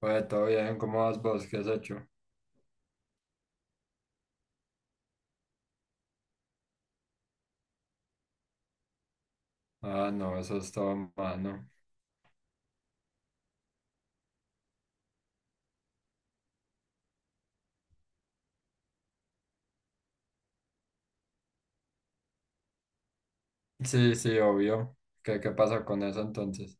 Oye, todo bien, ¿cómo vas vos? ¿Qué has hecho? Ah, no, eso es todo mano. Sí, sí, obvio. ¿Qué pasa con eso entonces?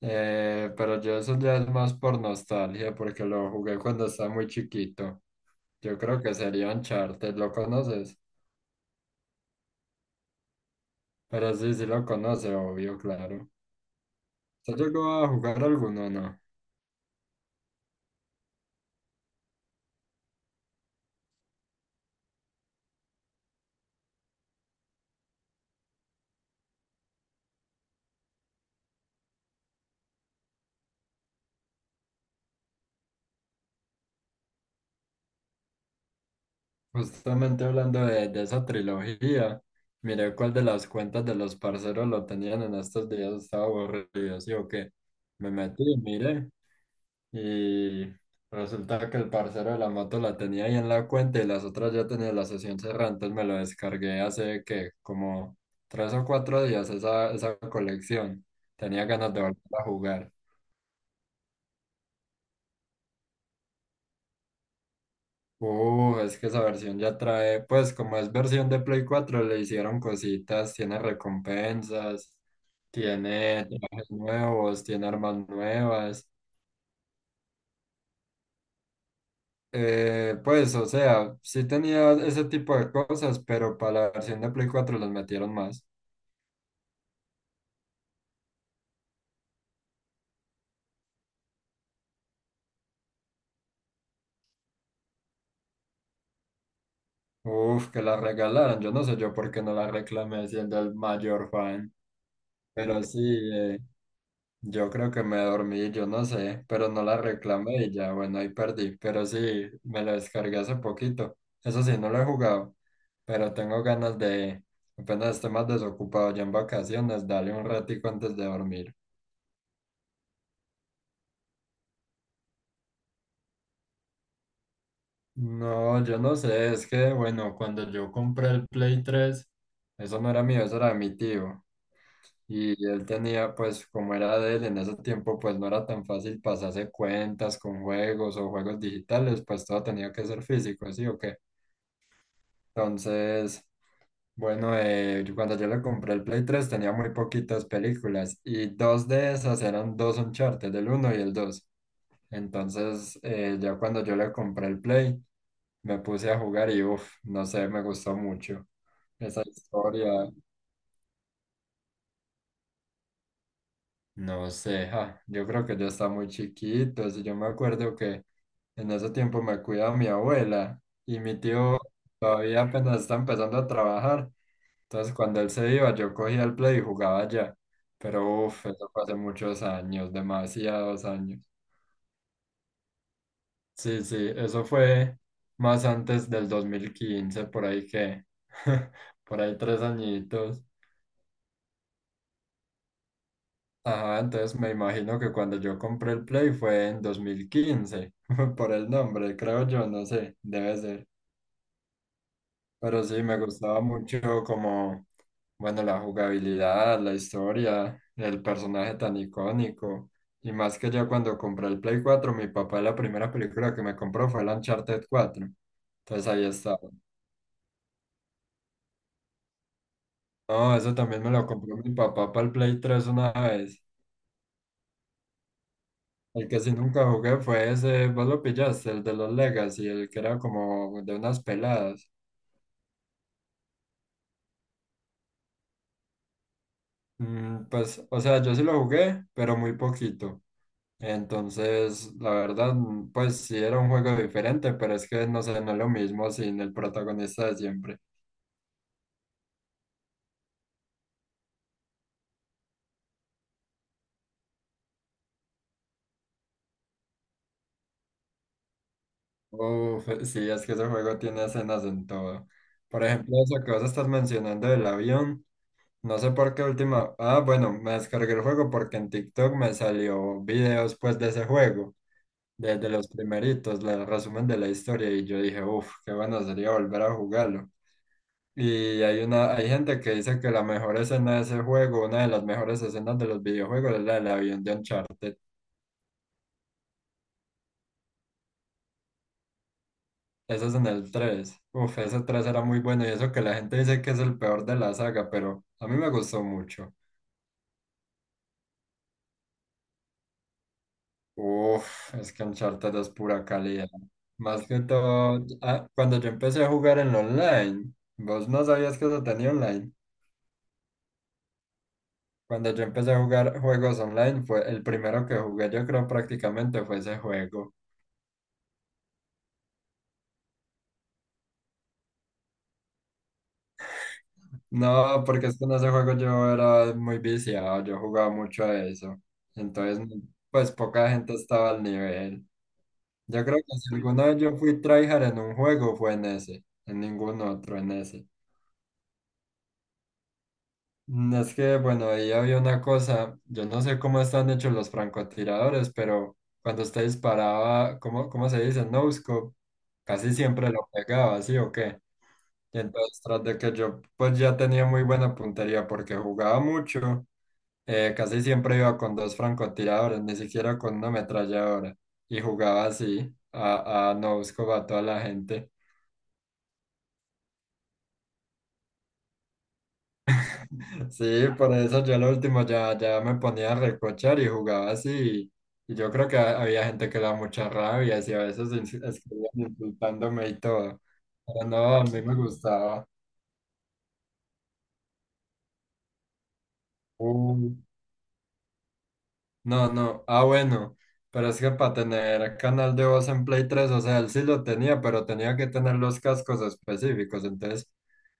Pero yo eso ya es más por nostalgia, porque lo jugué cuando estaba muy chiquito. Yo creo que sería Uncharted, ¿lo conoces? Pero sí, sí lo conoce, obvio, claro. ¿Se llegó a jugar alguno, no? Justamente hablando de esa trilogía, miré cuál de las cuentas de los parceros lo tenían en estos días, estaba aburrido, ¿sí o qué? Me metí, miré. Y resulta que el parcero de la moto la tenía ahí en la cuenta y las otras ya tenía la sesión cerrada, entonces me lo descargué hace que como 3 o 4 días esa colección. Tenía ganas de volver a jugar. Es que esa versión ya trae, pues como es versión de Play cuatro, le hicieron cositas, tiene recompensas, tiene trajes nuevos, tiene armas nuevas. Pues, o sea, sí tenía ese tipo de cosas, pero para la versión de Play cuatro las metieron más. Uf, que la regalaran, yo no sé yo por qué no la reclamé siendo el mayor fan, pero sí, eh, yo creo que me dormí, yo no sé, pero no la reclamé y ya, bueno, ahí perdí, pero sí, me la descargué hace poquito. Eso sí, no lo he jugado, pero tengo ganas de, apenas esté más desocupado ya en vacaciones, darle un ratico antes de dormir. No, yo no sé, es que bueno, cuando yo compré el Play tres, eso no era mío, eso era de mi tío. Y él tenía, pues, como era de él, en ese tiempo, pues no era tan fácil pasarse cuentas con juegos o juegos digitales, pues todo tenía que ser físico, ¿sí o qué? Entonces, bueno, cuando yo le compré el Play tres tenía muy poquitas películas y dos de esas eran dos Uncharted, el uno y el dos. Entonces, ya cuando yo le compré el Play, me puse a jugar y uff, no sé, me gustó mucho esa historia. No sé, ja, yo creo que yo estaba muy chiquito. Si yo me acuerdo que en ese tiempo me cuidaba mi abuela y mi tío todavía apenas está empezando a trabajar. Entonces, cuando él se iba, yo cogía el play y jugaba allá. Pero uff, eso fue hace muchos años, demasiados años. Sí, sí, eso fue más antes del 2015, por ahí que, por ahí tres añitos. Ajá, entonces me imagino que cuando yo compré el Play fue en 2015, por el nombre, creo yo, no sé, debe ser. Pero sí, me gustaba mucho como bueno, la jugabilidad, la historia, el personaje tan icónico. Y más que yo cuando compré el Play cuatro, mi papá, la primera película que me compró fue el Uncharted 4. Entonces ahí estaba. No, eso también me lo compró mi papá para el Play tres una vez. El que sí nunca jugué fue ese, vos lo pillaste, el de los Legacy, el que era como de unas peladas. Mm, pues, o sea, yo sí lo jugué, pero muy poquito. Entonces, la verdad, pues sí era un juego diferente, pero es que no sé, no es lo mismo sin el protagonista de siempre. Uf, sí, es que ese juego tiene escenas en todo. Por ejemplo, eso que vos estás mencionando del avión, no sé por qué última. Ah, bueno, me descargué el juego porque en TikTok me salió videos pues de ese juego, desde los primeritos, el resumen de la historia, y yo dije, uff, qué bueno sería volver a jugarlo. Y hay gente que dice que la mejor escena de ese juego, una de las mejores escenas de los videojuegos, es la del avión de Uncharted. Eso es en el tres. Uf, ese 3 era muy bueno y eso que la gente dice que es el peor de la saga, pero a mí me gustó mucho. Uf, es que Uncharted es pura calidad. Más que todo, cuando yo empecé a jugar en online, vos no sabías que eso tenía online. Cuando yo empecé a jugar juegos online, fue el primero que jugué, yo creo prácticamente fue ese juego. No, porque es que en ese juego yo era muy viciado, yo jugaba mucho a eso. Entonces, pues poca gente estaba al nivel. Yo creo que si alguna vez yo fui tryhard en un juego fue en ese, en ningún otro, en ese. Mm, es que, bueno, ahí había una cosa, yo no sé cómo están hechos los francotiradores, pero cuando usted disparaba, ¿cómo se dice? No scope, casi siempre lo pegaba, ¿sí o qué? Y entonces, tras de que yo pues ya tenía muy buena puntería porque jugaba mucho. Casi siempre iba con dos francotiradores, ni siquiera con una ametralladora. Y jugaba así, a no buscaba a toda la gente. Sí, por eso yo lo último ya, ya me ponía a recochar y jugaba así. Y yo creo que había gente que le da mucha rabia y a veces escribían insultándome y todo. Pero no, a mí me gustaba. Uh, No, no. Ah, bueno. Pero es que para tener canal de voz en Play tres, o sea, él sí lo tenía, pero tenía que tener los cascos específicos. Entonces,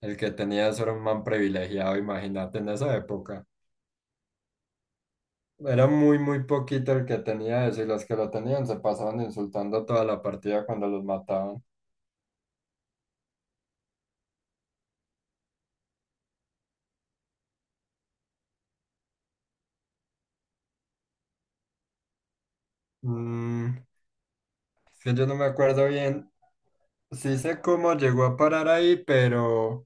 el que tenía eso era un man privilegiado, imagínate, en esa época. Era muy, muy poquito el que tenía eso y los que lo tenían se pasaban insultando toda la partida cuando los mataban. Mm, es que yo no me acuerdo bien. Sí sé cómo llegó a parar ahí, pero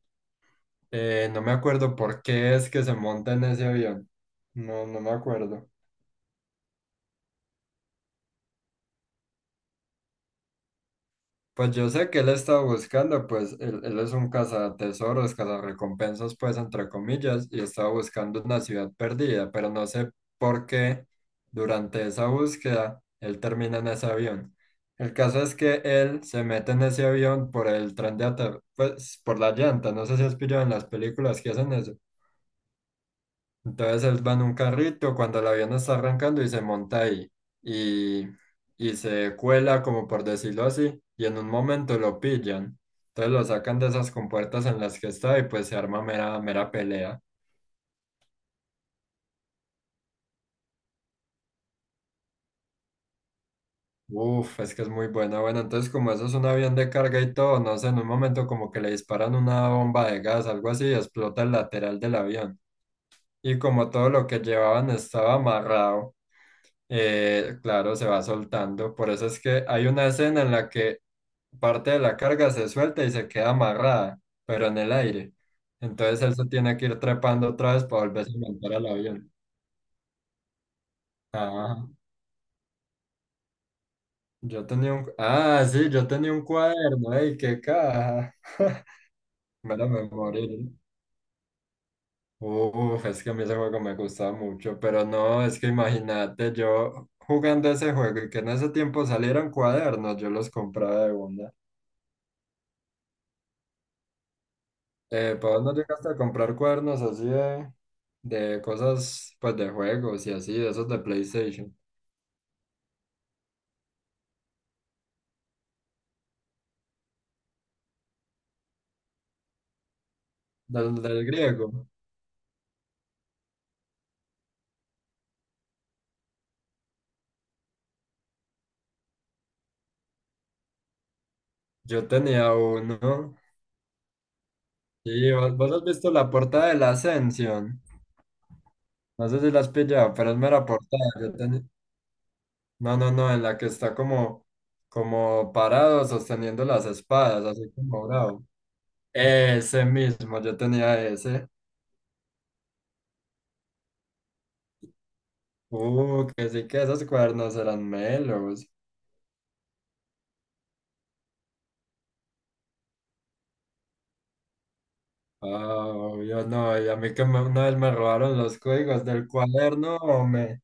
no me acuerdo por qué es que se monta en ese avión. No, no me acuerdo. Pues yo sé que él estaba buscando, pues él es un cazatesoros, cazarrecompensas, pues entre comillas, y estaba buscando una ciudad perdida, pero no sé por qué durante esa búsqueda él termina en ese avión. El caso es que él se mete en ese avión por el tren de aterrizaje, pues por la llanta, no sé si has pillado en las películas que hacen eso. Entonces él va en un carrito cuando el avión está arrancando y se monta ahí y, y se cuela, como por decirlo así, y en un momento lo pillan. Entonces lo sacan de esas compuertas en las que está y pues se arma mera, mera pelea. Uf, es que es muy buena. Bueno, entonces como eso es un avión de carga y todo, no sé, en un momento como que le disparan una bomba de gas, algo así, y explota el lateral del avión. Y como todo lo que llevaban estaba amarrado, claro, se va soltando. Por eso es que hay una escena en la que parte de la carga se suelta y se queda amarrada, pero en el aire. Entonces él se tiene que ir trepando otra vez para volverse a montar al avión. Ah, Ah, sí, yo tenía un cuaderno. ¡Ey, qué caja! Mera memoria. Uf, es que a mí ese juego me gustaba mucho, pero no, es que imagínate yo jugando ese juego y que en ese tiempo salieran cuadernos, yo los compraba de una. Pues vos no llegaste a comprar cuernos así de cosas, pues de juegos y así, de esos de PlayStation, del griego. Yo tenía uno. Sí, vos has visto la portada de la Ascension. No sé si la has pillado, pero es mera portada. Yo tenía... No, no, no, en la que está como parado sosteniendo las espadas, así como bravo. Ese mismo, yo tenía ese. Que sí, que esos cuernos eran melos. Ah, yo no, y a mí que una vez me robaron los códigos del cuaderno, hombre.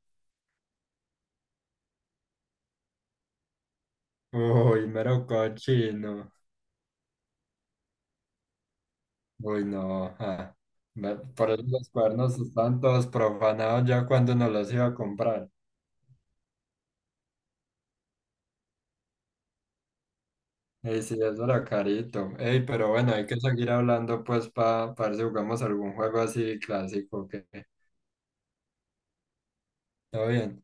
Uy, mero cochino. Uy, no. Ah. Por eso los cuadernos están todos profanados ya cuando no los iba a comprar. Y sí, eso era carito. Ey, pero bueno, hay que seguir hablando pues para ver si jugamos algún juego así clásico que... ¿Todo bien?